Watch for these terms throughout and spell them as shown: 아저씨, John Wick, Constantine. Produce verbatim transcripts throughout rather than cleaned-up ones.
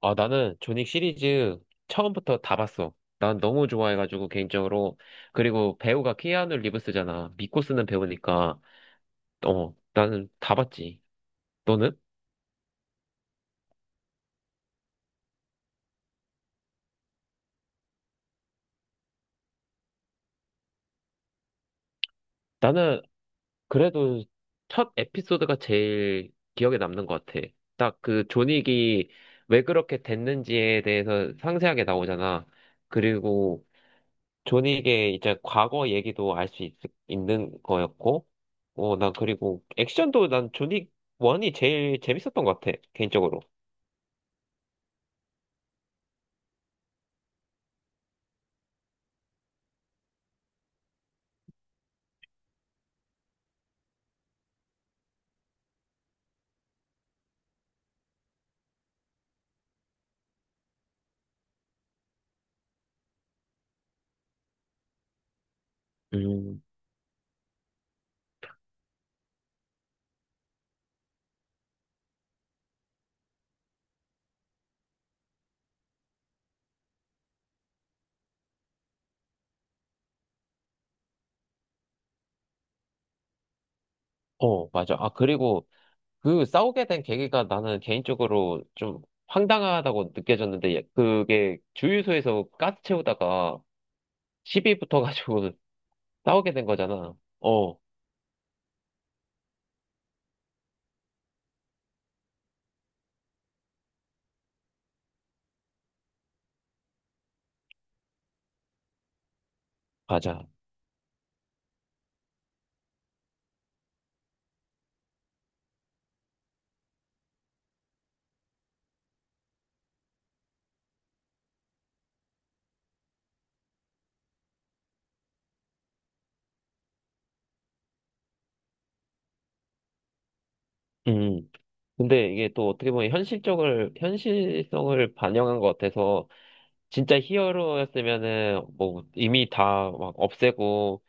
아, 나는 존윅 시리즈 처음부터 다 봤어. 난 너무 좋아해가지고, 개인적으로. 그리고 배우가 키아누 리브스잖아. 믿고 쓰는 배우니까. 어, 나는 다 봤지. 너는? 나는 그래도 첫 에피소드가 제일 기억에 남는 것 같아. 딱 그 존윅이 왜 그렇게 됐는지에 대해서 상세하게 나오잖아. 그리고 존윅의 이제 과거 얘기도 알 수 있는 거였고, 어, 난 그리고 액션도 난 존윅 일이 제일 재밌었던 것 같아, 개인적으로. 음, 어, 맞아. 아, 그리고 그 싸우게 된 계기가 나는 개인적으로 좀 황당하다고 느껴졌는데, 예, 그게 주유소에서 가스 채우다가 시비 붙어가지고 싸우게 된 거잖아. 어, 맞아. 음. 근데 이게 또 어떻게 보면 현실적을, 현실성을 반영한 것 같아서, 진짜 히어로였으면은 뭐 이미 다 막 없애고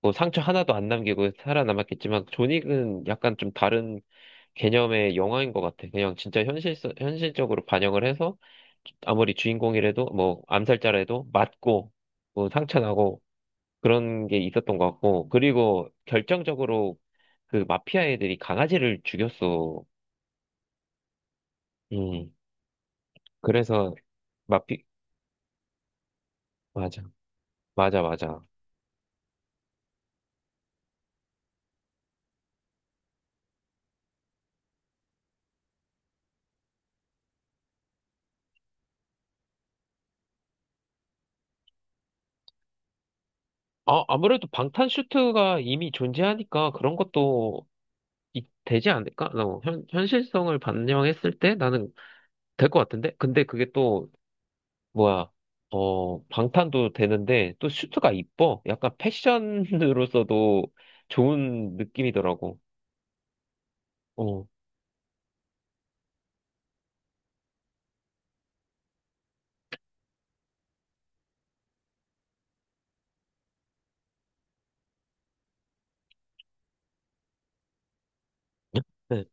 뭐 상처 하나도 안 남기고 살아남았겠지만 존윅은 약간 좀 다른 개념의 영화인 것 같아. 그냥 진짜 현실 현실적으로 반영을 해서 아무리 주인공이라도 뭐 암살자라도 맞고 뭐 상처 나고 그런 게 있었던 것 같고, 그리고 결정적으로 그 마피아 애들이 강아지를 죽였어. 음. 그래서 마피 맞아, 맞아, 맞아. 아, 아무래도 방탄 슈트가 이미 존재하니까 그런 것도 이- 되지 않을까? 어, 현, 현실성을 반영했을 때 나는 될 것 같은데? 근데 그게 또, 뭐야, 어, 방탄도 되는데 또 슈트가 이뻐. 약간 패션으로서도 좋은 느낌이더라고. 어, 네.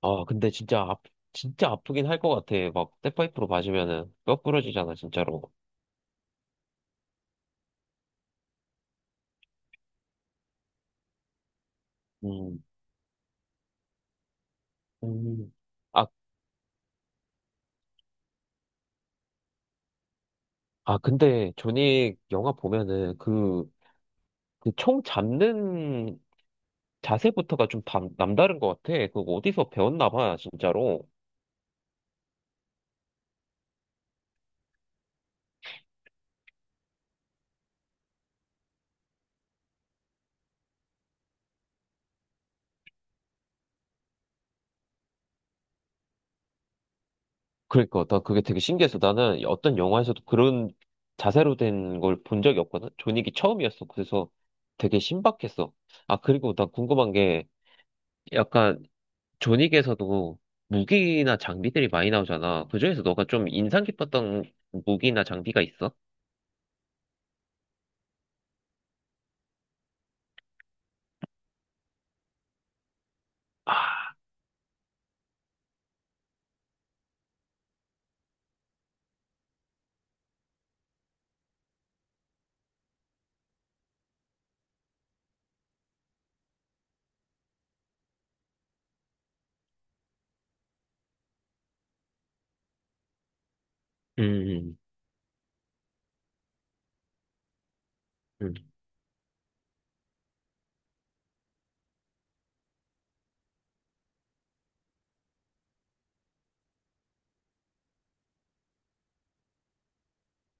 아, 근데 진짜, 아, 진짜 아프긴 할 것 같아. 막, 백파이프로 맞으면은 뼈 부러지잖아, 진짜로. 음, 음. 아, 아, 근데, 존윅 영화 보면은, 그, 그 총 잡는 자세부터가 좀 남, 남다른 것 같아. 그거 어디서 배웠나 봐, 진짜로. 그러니까, 나 그게 되게 신기해서 나는 어떤 영화에서도 그런 자세로 된 걸 본 적이 없거든? 존윅이 처음이었어. 그래서 되게 신박했어. 아, 그리고 나 궁금한 게 약간 존윅에서도 무기나 장비들이 많이 나오잖아. 그중에서 너가 좀 인상 깊었던 무기나 장비가 있어? 아, 음, 음. 음.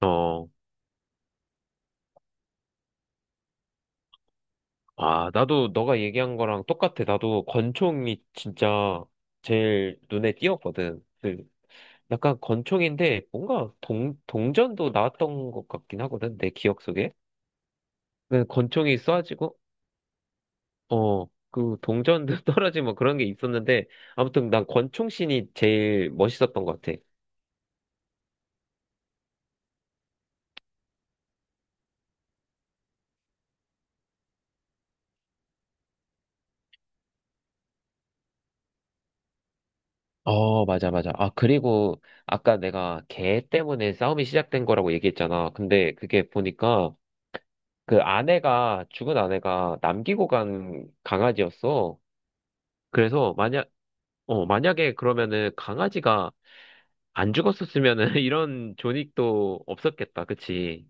어. 아, 나도 너가 얘기한 거랑 똑같아. 나도 권총이 진짜 제일 눈에 띄었거든. 그 약간 권총인데 뭔가 동, 동전도 나왔던 것 같긴 하거든. 내 기억 속에. 그 권총이 쏴지고, 어, 그 동전도 떨어지고 뭐 그런 게 있었는데, 아무튼 난 권총신이 제일 멋있었던 것 같아. 어, 맞아, 맞아. 아, 그리고 아까 내가 걔 때문에 싸움이 시작된 거라고 얘기했잖아. 근데 그게 보니까 그 아내가, 죽은 아내가 남기고 간 강아지였어. 그래서 만약, 어, 만약에 그러면은 강아지가 안 죽었었으면은 이런 존익도 없었겠다. 그치?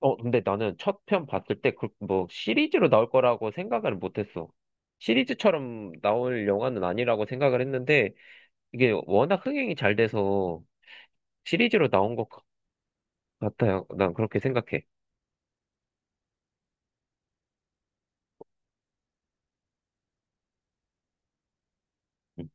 어, 근데 나는 첫 편 봤을 때 그 뭐 시리즈로 나올 거라고 생각을 못 했어. 시리즈처럼 나올 영화는 아니라고 생각을 했는데, 이게 워낙 흥행이 잘 돼서 시리즈로 나온 것 같- 같아요. 난 그렇게 생각해. 음.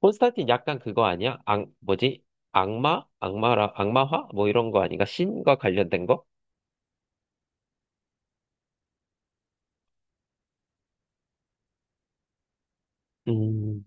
콘스탄틴 약간 그거 아니야? 악, 뭐지? 악마? 악마라, 악마화? 뭐 이런 거 아닌가? 신과 관련된 거? 음.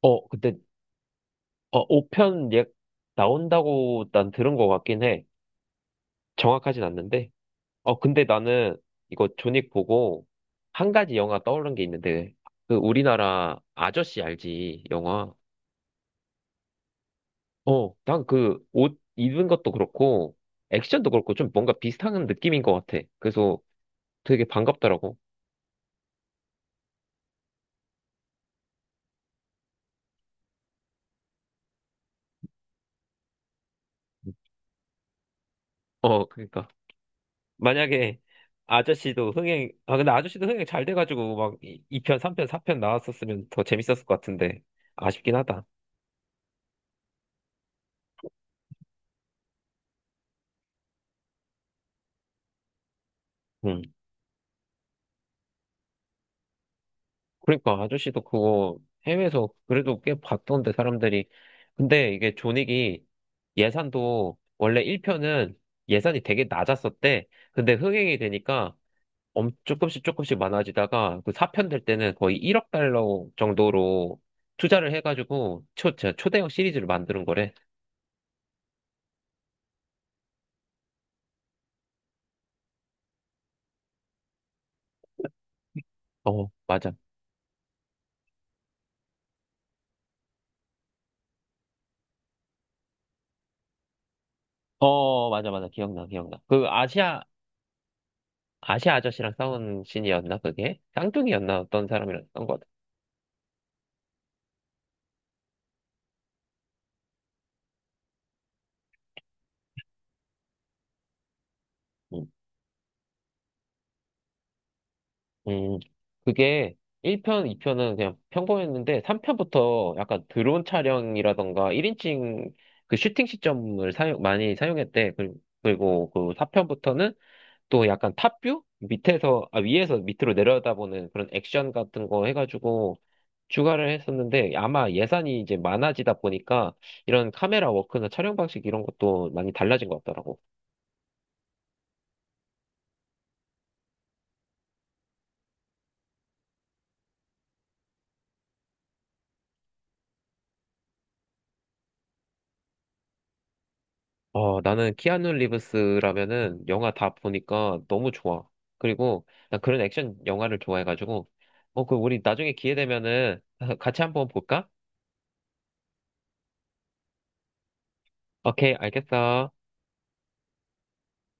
어, 근데, 어, 오 편, 예, 나온다고 난 들은 것 같긴 해. 정확하진 않는데. 어, 근데 나는 이거 존윅 보고 한 가지 영화 떠오른 게 있는데, 그 우리나라 아저씨 알지? 영화. 어, 난 그 옷 입은 것도 그렇고, 액션도 그렇고, 좀 뭔가 비슷한 느낌인 것 같아. 그래서 되게 반갑더라고. 어, 그러니까. 만약에 아저씨도 흥행, 아, 근데 아저씨도 흥행 잘 돼가지고 막 이 편, 삼 편, 사 편 나왔었으면 더 재밌었을 것 같은데, 아쉽긴 하다. 음. 그러니까 아저씨도 그거 해외에서 그래도 꽤 봤던데, 사람들이. 근데 이게 존윅이 예산도 원래 일 편은 예산이 되게 낮았었대. 근데 흥행이 되니까 엄 조금씩 조금씩 많아지다가 그 사 편 될 때는 거의 일억 달러 정도로 투자를 해가지고 초, 저 초대형 시리즈를 만드는 거래. 어, 맞아. 어, 맞아, 맞아. 기억나, 기억나. 그 아시아, 아시아 아저씨랑 싸운 신이었나, 그게? 쌍둥이였나, 어떤 사람이랑 싸운 것 같아. 음, 음, 그게 일 편, 이 편은 그냥 평범했는데 삼 편부터 약간 드론 촬영이라던가 일인칭 그 슈팅 시점을 사용, 많이 사용했대. 그리고 그리고 그 사 편부터는 또 약간 탑뷰? 밑에서, 아, 위에서 밑으로 내려다보는 그런 액션 같은 거 해가지고 추가를 했었는데, 아마 예산이 이제 많아지다 보니까 이런 카메라 워크나 촬영 방식 이런 것도 많이 달라진 것 같더라고. 어, 나는 키아누 리브스라면은 영화 다 보니까 너무 좋아. 그리고 난 그런 액션 영화를 좋아해가지고 어, 그 우리 나중에 기회 되면은 같이 한번 볼까? 오케이, 알겠어.